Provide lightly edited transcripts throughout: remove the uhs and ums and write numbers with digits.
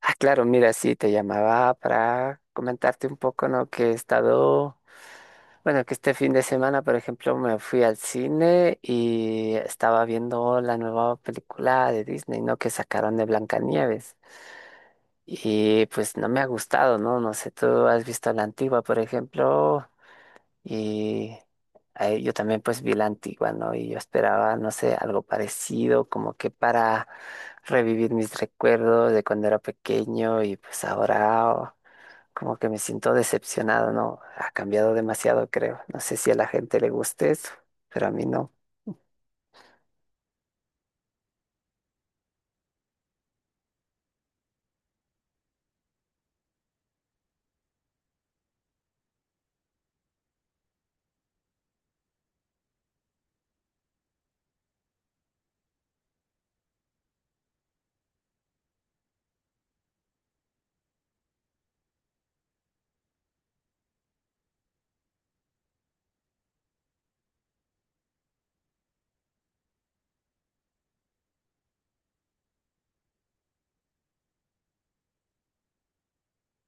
Ah, claro, mira, sí, te llamaba para comentarte un poco, ¿no? Que he estado, bueno, que este fin de semana, por ejemplo, me fui al cine y estaba viendo la nueva película de Disney, ¿no? Que sacaron de Blancanieves. Y pues no me ha gustado, ¿no? No sé, tú has visto la antigua, por ejemplo, y yo también pues vi la antigua, ¿no? Y yo esperaba, no sé, algo parecido, como que para revivir mis recuerdos de cuando era pequeño y pues ahora como que me siento decepcionado, ¿no? Ha cambiado demasiado, creo. No sé si a la gente le guste eso, pero a mí no.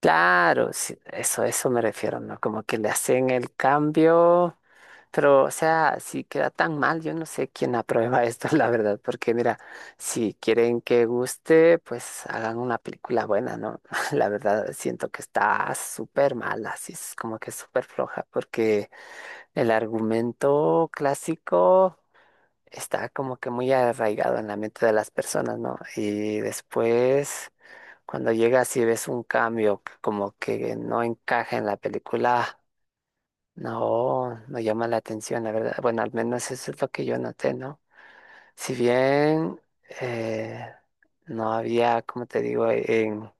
Claro, sí, eso me refiero, ¿no? Como que le hacen el cambio, pero, o sea, si queda tan mal, yo no sé quién aprueba esto, la verdad, porque mira, si quieren que guste, pues hagan una película buena, ¿no? La verdad, siento que está súper mala, así es como que súper floja, porque el argumento clásico está como que muy arraigado en la mente de las personas, ¿no? Y después, cuando llegas y ves un cambio que como que no encaja en la película, no llama la atención, la verdad. Bueno, al menos eso es lo que yo noté, ¿no? Si bien eh, no había, como te digo,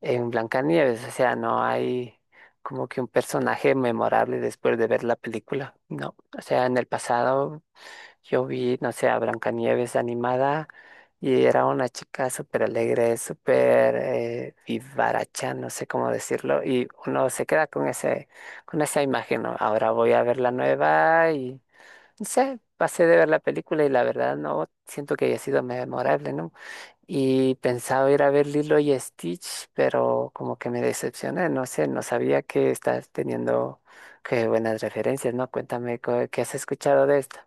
en Blancanieves, o sea, no hay como que un personaje memorable después de ver la película, ¿no? O sea, en el pasado. Yo vi, no sé, a Blancanieves animada y era una chica súper alegre, súper vivaracha, no sé cómo decirlo, y uno se queda con ese, con esa imagen, ¿no? Ahora voy a ver la nueva y, no sé, pasé de ver la película y la verdad no siento que haya sido memorable, ¿no? Y pensaba ir a ver Lilo y Stitch, pero como que me decepcioné, no sé, no sabía que estás teniendo que buenas referencias, ¿no? Cuéntame qué has escuchado de esto.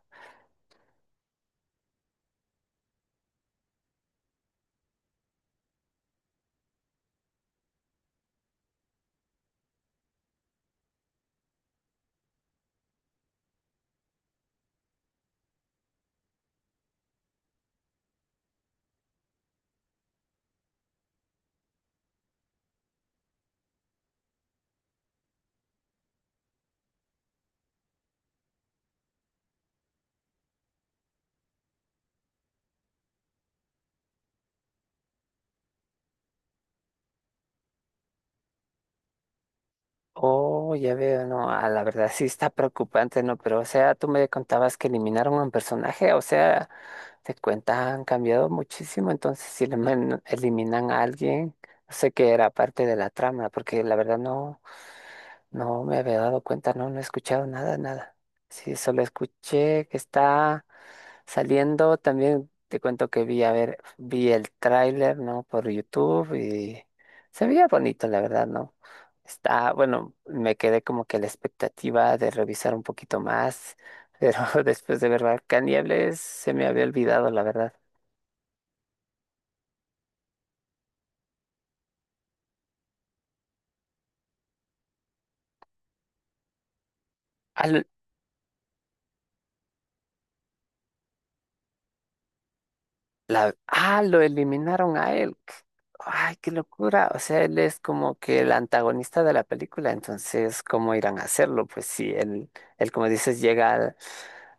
Oh, ya veo, no, ah, la verdad sí está preocupante, ¿no? Pero, o sea, tú me contabas que eliminaron un personaje, o sea, te cuenta, han cambiado muchísimo, entonces si eliminan a alguien, no sé qué era parte de la trama, porque la verdad no me había dado cuenta, no, no he escuchado nada, nada. Sí, solo escuché que está saliendo, también te cuento que vi, a ver, vi el tráiler, ¿no? Por YouTube y se veía bonito, la verdad, ¿no? Está, bueno, me quedé como que a la expectativa de revisar un poquito más, pero después de ver Blancanieves se me había olvidado, la verdad. Ah, lo, lo eliminaron a él. Ay, qué locura. O sea, él es como que el antagonista de la película, entonces, ¿cómo irán a hacerlo? Pues sí, él como dices,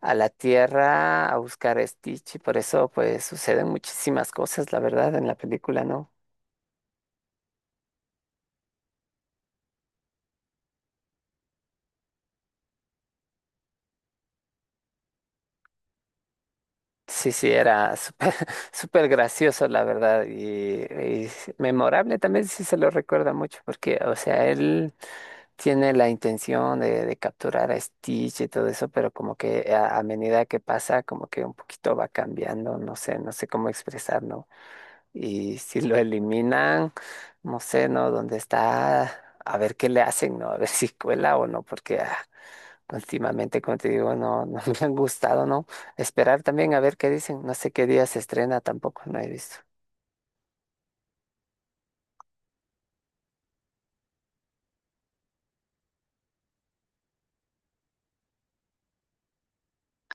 a la Tierra a buscar a Stitch y por eso, pues, suceden muchísimas cosas, la verdad, en la película, no. Sí, sí, era súper súper gracioso, la verdad, y sí, memorable también, sí se lo recuerda mucho, porque, o sea, él tiene la intención de capturar a Stitch y todo eso, pero como que a medida que pasa, como que un poquito va cambiando, no sé, no sé cómo expresarlo, y si lo eliminan, no sé, ¿no? ¿Dónde está? A ver qué le hacen, ¿no? A ver si cuela o no, porque ah, últimamente, como te digo, no, no me han gustado, ¿no? Esperar también a ver qué dicen. No sé qué día se estrena tampoco, no he visto.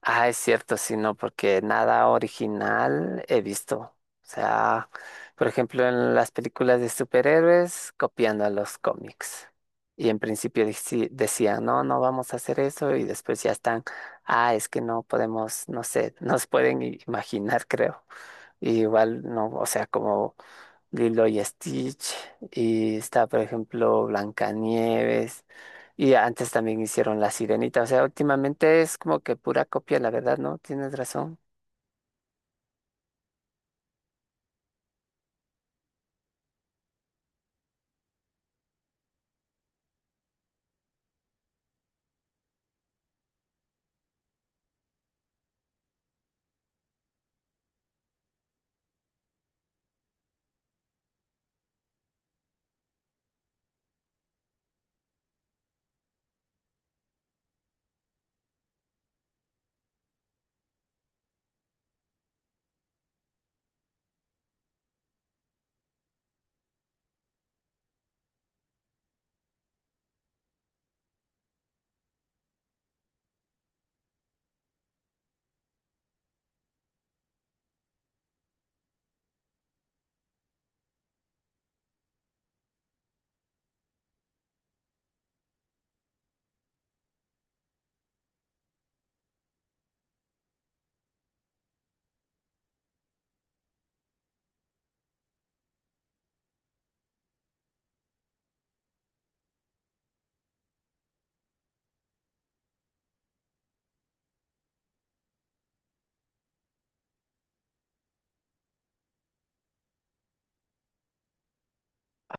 Ah, es cierto, sí, no, porque nada original he visto. O sea, por ejemplo, en las películas de superhéroes, copiando a los cómics. Y en principio decían, no, no vamos a hacer eso, y después ya están, ah, es que no podemos, no sé, nos pueden imaginar, creo. Y igual, no, o sea, como Lilo y Stitch, y está, por ejemplo, Blancanieves, y antes también hicieron La Sirenita, o sea, últimamente es como que pura copia, la verdad, ¿no? Tienes razón.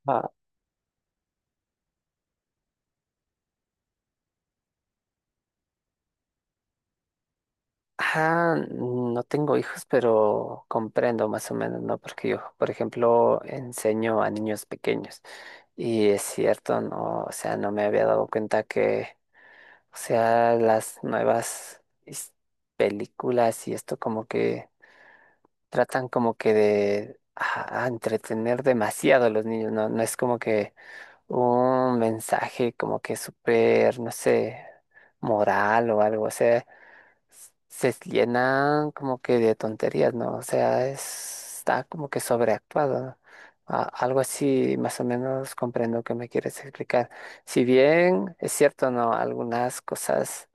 Ah, no tengo hijos, pero comprendo más o menos, ¿no? Porque yo, por ejemplo, enseño a niños pequeños, y es cierto, ¿no? O sea, no me había dado cuenta que, o sea, las nuevas películas y esto como que tratan como que de entretener demasiado a los niños, ¿no? No es como que un mensaje como que súper, no sé, moral o algo, o sea, se llenan como que de tonterías, ¿no? O sea, está como que sobreactuado, ¿no? Algo así, más o menos comprendo que me quieres explicar. Si bien es cierto, ¿no? Algunas cosas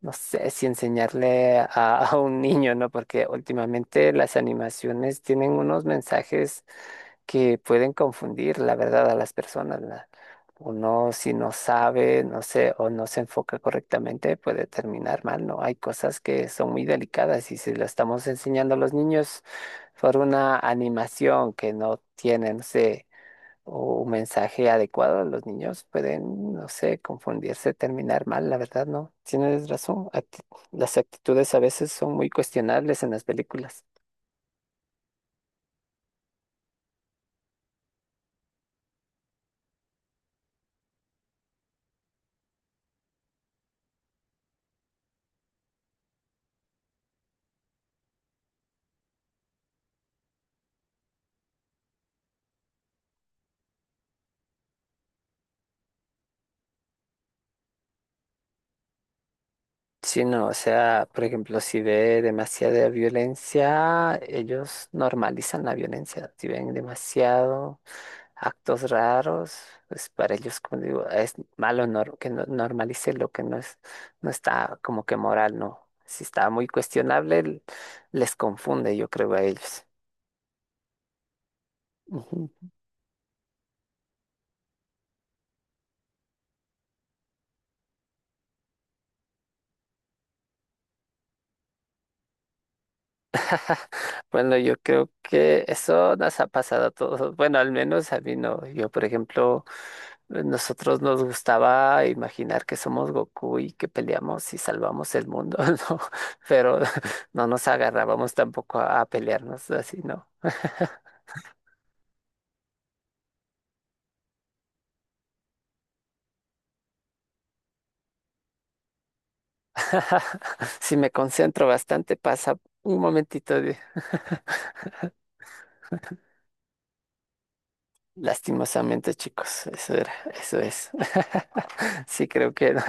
no sé si enseñarle a un niño, ¿no? Porque últimamente las animaciones tienen unos mensajes que pueden confundir, la verdad, a las personas. Uno, si no sabe, no sé, o no se enfoca correctamente, puede terminar mal, ¿no? Hay cosas que son muy delicadas y si lo estamos enseñando a los niños por una animación que no tiene no sé o un mensaje adecuado, los niños pueden, no sé, confundirse, terminar mal, la verdad, no. Tienes razón, las actitudes a veces son muy cuestionables en las películas. Sí, no, o sea, por ejemplo, si ve demasiada violencia, ellos normalizan la violencia. Si ven demasiado actos raros, pues para ellos, como digo, es malo nor- que no- normalice lo que no es, no está como que moral, no. Si está muy cuestionable, les confunde, yo creo, a ellos. Ujú. Bueno, yo creo que eso nos ha pasado a todos. Bueno, al menos a mí no. Yo, por ejemplo, nosotros nos gustaba imaginar que somos Goku y que peleamos y salvamos el mundo, ¿no? Pero no nos agarrábamos tampoco a pelearnos así, no. Si me concentro bastante, pasa un momentito de... Lastimosamente, chicos, eso era, eso es. Sí, creo que no.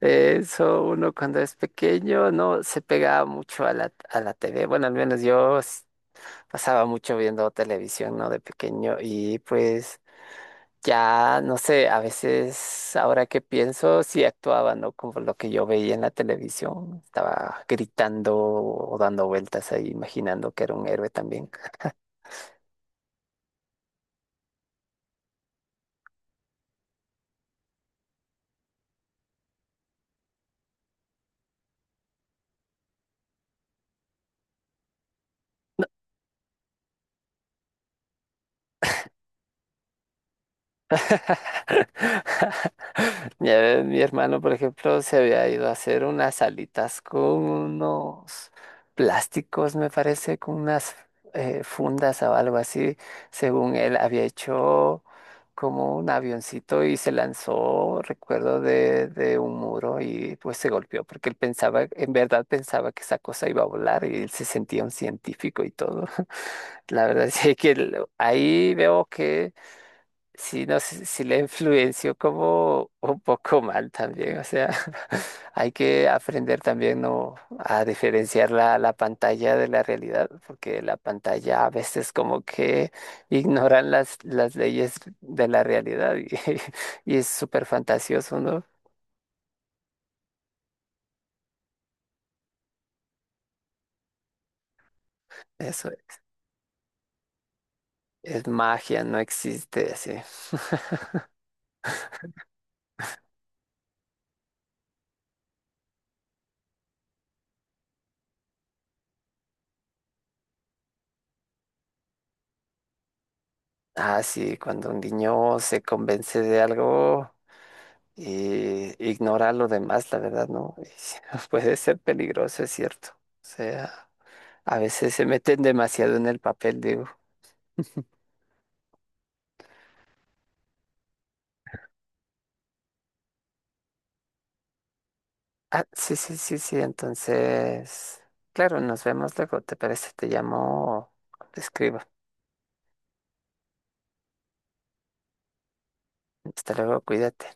Eso uno cuando es pequeño no se pegaba mucho a a la TV. Bueno, al menos pasaba mucho viendo televisión, ¿no? De pequeño y pues ya, no sé, a veces ahora que pienso, sí actuaba, ¿no? Como lo que yo veía en la televisión, estaba gritando o dando vueltas ahí, imaginando que era un héroe también. Ya ves, mi hermano, por ejemplo, se había ido a hacer unas alitas con unos plásticos, me parece, con unas fundas o algo así. Según él, había hecho como un avioncito y se lanzó, recuerdo, de un muro y pues se golpeó porque él pensaba, en verdad pensaba que esa cosa iba a volar y él se sentía un científico y todo. La verdad es que ahí veo que sí, no sé si le influenció como un poco mal también, o sea, hay que aprender también, ¿no?, a diferenciar la pantalla de la realidad, porque la pantalla a veces como que ignoran las leyes de la realidad y, y es súper fantasioso, ¿no? Eso es magia, no existe así. Ah, sí, cuando un niño se convence de algo y ignorar lo demás, la verdad, no. Puede ser peligroso, es cierto. O sea, a veces se meten demasiado en el papel, digo. Ah, sí, sí, sí, sí, entonces, claro, nos vemos luego, ¿te parece? Te llamo, o te escribo. Hasta luego, cuídate.